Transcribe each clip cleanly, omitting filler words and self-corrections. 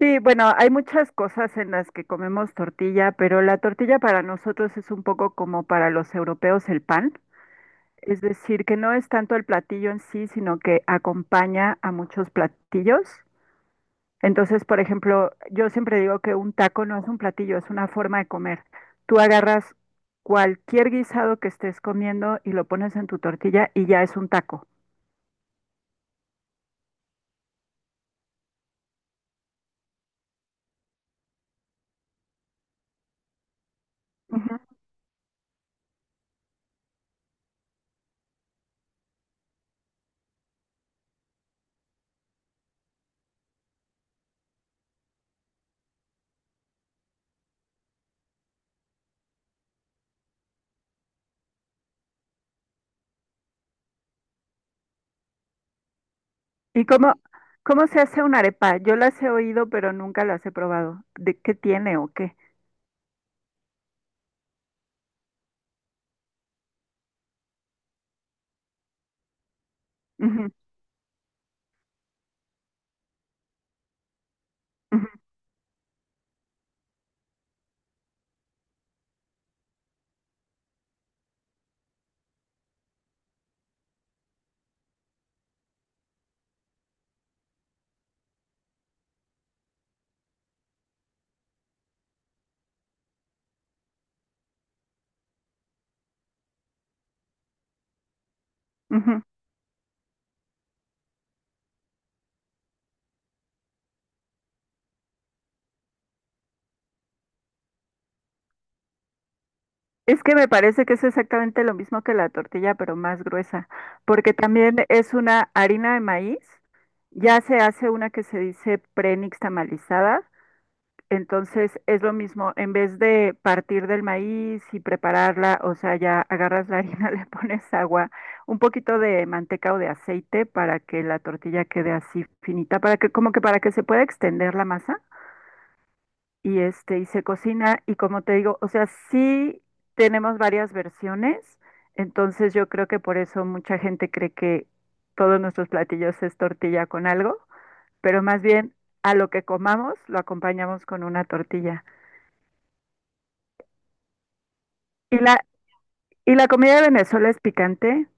Sí, bueno, hay muchas cosas en las que comemos tortilla, pero la tortilla para nosotros es un poco como para los europeos el pan, es decir, que no es tanto el platillo en sí, sino que acompaña a muchos platillos. Entonces, por ejemplo, yo siempre digo que un taco no es un platillo, es una forma de comer. Tú agarras cualquier guisado que estés comiendo y lo pones en tu tortilla y ya es un taco. Ujú. ¿Y cómo se hace una arepa? Yo las he oído, pero nunca las he probado. ¿De qué tiene o qué? Ujú, ujú, ujú. Es que me parece que es exactamente lo mismo que la tortilla, pero más gruesa, porque también es una harina de maíz, ya se hace una que se dice tamalizada, entonces es lo mismo, en vez de partir del maíz y prepararla, o sea, ya agarras la harina, le pones agua, un poquito de manteca o de aceite para que la tortilla quede así finita, para que como que para que se pueda extender la masa. Y se cocina, y como te digo, o sea, sí tenemos varias versiones, entonces yo creo que por eso mucha gente cree que todos nuestros platillos es tortilla con algo, pero más bien a lo que comamos lo acompañamos con una tortilla. Y la, y la comida de Venezuela es picante.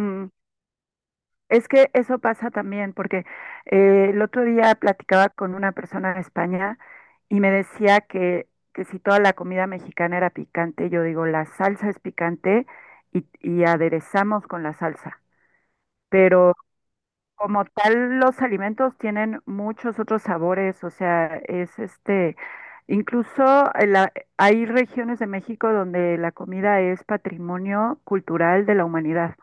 Mm, Es que eso pasa también, porque el otro día platicaba con una persona de España y me decía que si toda la comida mexicana era picante, yo digo, la salsa es picante y aderezamos con la salsa. Pero como tal, los alimentos tienen muchos otros sabores, o sea, es este, incluso hay regiones de México donde la comida es patrimonio cultural de la humanidad.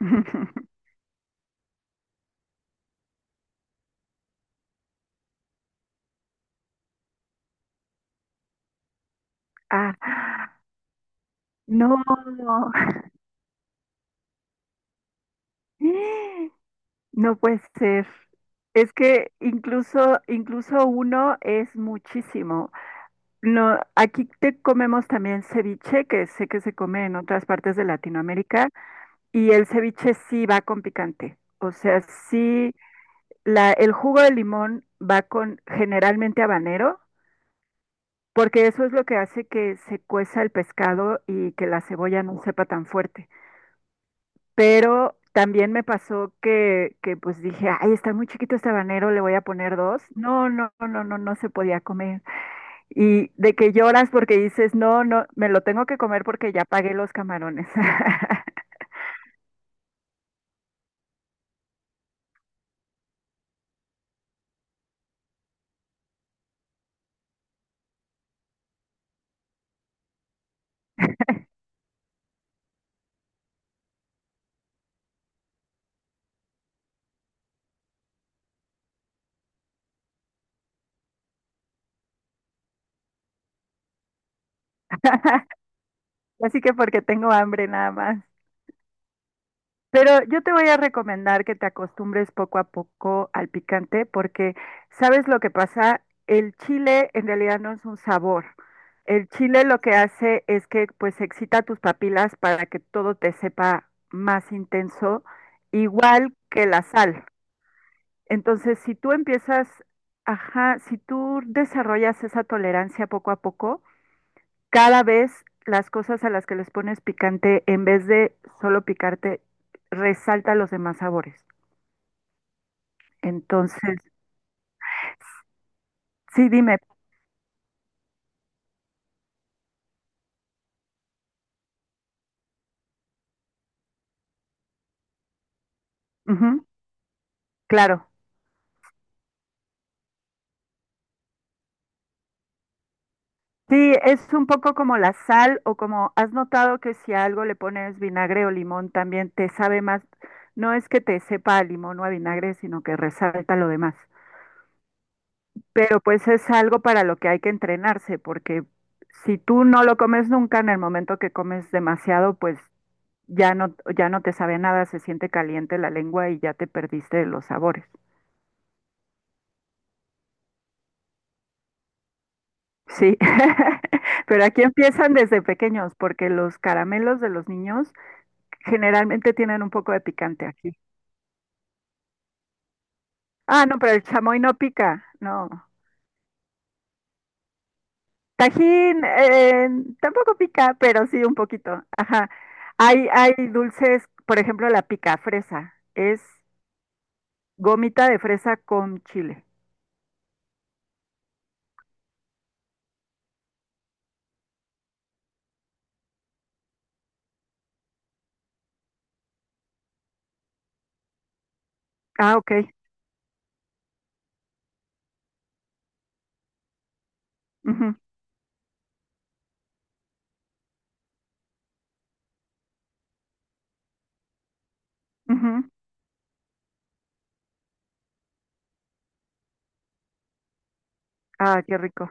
Ah, no. No. No puede ser. Es que incluso uno es muchísimo. No, aquí te comemos también ceviche, que sé que se come en otras partes de Latinoamérica, y el ceviche sí va con picante. O sea, sí, el jugo de limón va con generalmente habanero, porque eso es lo que hace que se cueza el pescado y que la cebolla no sepa tan fuerte. Pero también me pasó que pues dije, ay, está muy chiquito este habanero, le voy a poner dos. No, no, no, no, no, no se podía comer. Y de que lloras porque dices, no, no, me lo tengo que comer porque ya pagué los camarones. Así que porque tengo hambre nada más. Pero yo te voy a recomendar que te acostumbres poco a poco al picante porque sabes lo que pasa, el chile en realidad no es un sabor. El chile lo que hace es que pues excita tus papilas para que todo te sepa más intenso, igual que la sal. Entonces, si tú empiezas, ajá, si tú desarrollas esa tolerancia poco a poco, cada vez las cosas a las que les pones picante, en vez de solo picarte, resalta los demás sabores. Entonces, sí, dime, ujú, claro. Sí, es un poco como la sal o como has notado que si a algo le pones vinagre o limón también te sabe más. No es que te sepa a limón o a vinagre, sino que resalta lo demás. Pero pues es algo para lo que hay que entrenarse, porque si tú no lo comes nunca, en el momento que comes demasiado, pues ya no, ya no te sabe nada, se siente caliente la lengua y ya te perdiste de los sabores. Sí, pero aquí empiezan desde pequeños, porque los caramelos de los niños generalmente tienen un poco de picante aquí. Ah, no, pero el chamoy no pica, no. Tajín, tampoco pica, pero sí un poquito. Ajá. Hay dulces, por ejemplo, la pica fresa, es gomita de fresa con chile. Ah, ok. Ujú, ujú. Ah, qué rico.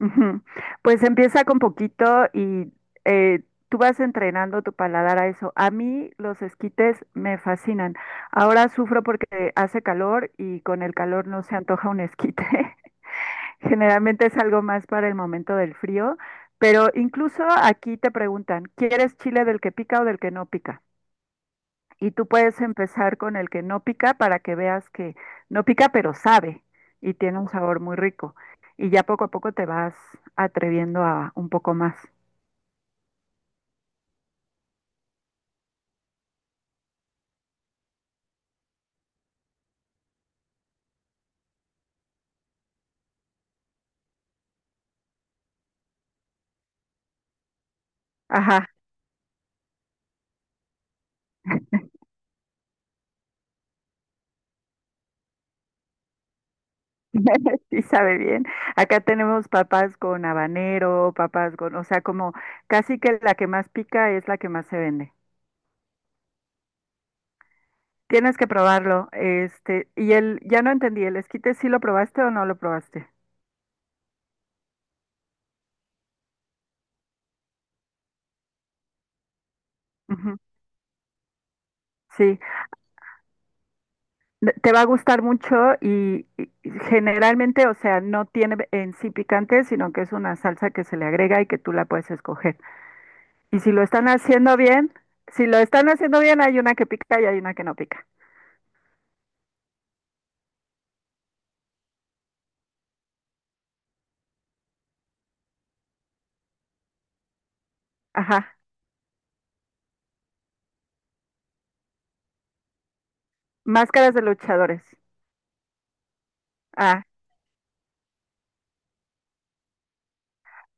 Ujú. Pues empieza con poquito y eh, tú vas entrenando tu paladar a eso. A mí los esquites me fascinan. Ahora sufro porque hace calor y con el calor no se antoja un esquite. Generalmente es algo más para el momento del frío, pero incluso aquí te preguntan, ¿quieres chile del que pica o del que no pica? Y tú puedes empezar con el que no pica para que veas que no pica, pero sabe y tiene un sabor muy rico. Y ya poco a poco te vas atreviendo a un poco más. Ajá, sí sabe bien. Acá tenemos papas con habanero, papas con, o sea, como casi que la que más pica es la que más se vende. Tienes que probarlo. Este, y el, ya no entendí, ¿el esquite sí lo probaste o no lo probaste? Ujú, sí. Te va a gustar mucho y generalmente, o sea, no tiene en sí picante, sino que es una salsa que se le agrega y que tú la puedes escoger. Y si lo están haciendo bien, si lo están haciendo bien, hay una que pica y hay una que no pica. Ajá. Máscaras de luchadores. Ah.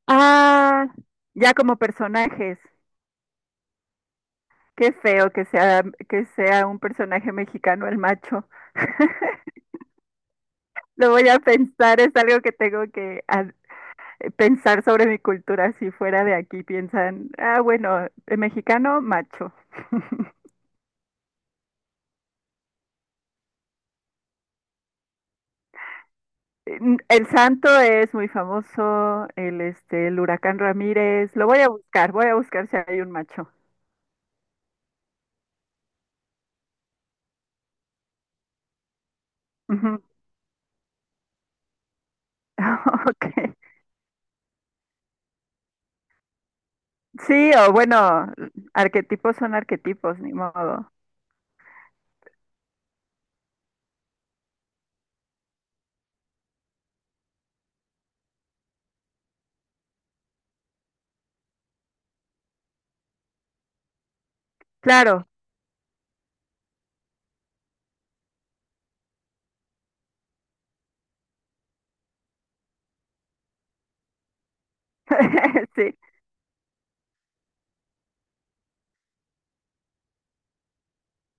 Ah, ya como personajes. Qué feo que sea un personaje mexicano el macho. Lo voy a pensar, es algo que tengo que, pensar sobre mi cultura si fuera de aquí, piensan, ah, bueno, mexicano, macho. El santo es muy famoso, el huracán Ramírez, lo voy a buscar si hay un macho. Ujú. Ok. Sí, o bueno, arquetipos son arquetipos, ni modo. Claro, sí,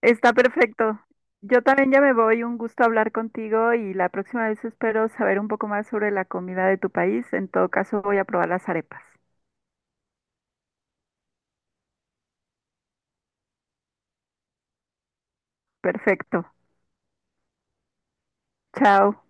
está perfecto. Yo también ya me voy, un gusto hablar contigo y la próxima vez espero saber un poco más sobre la comida de tu país. En todo caso, voy a probar las arepas. Perfecto. Chao.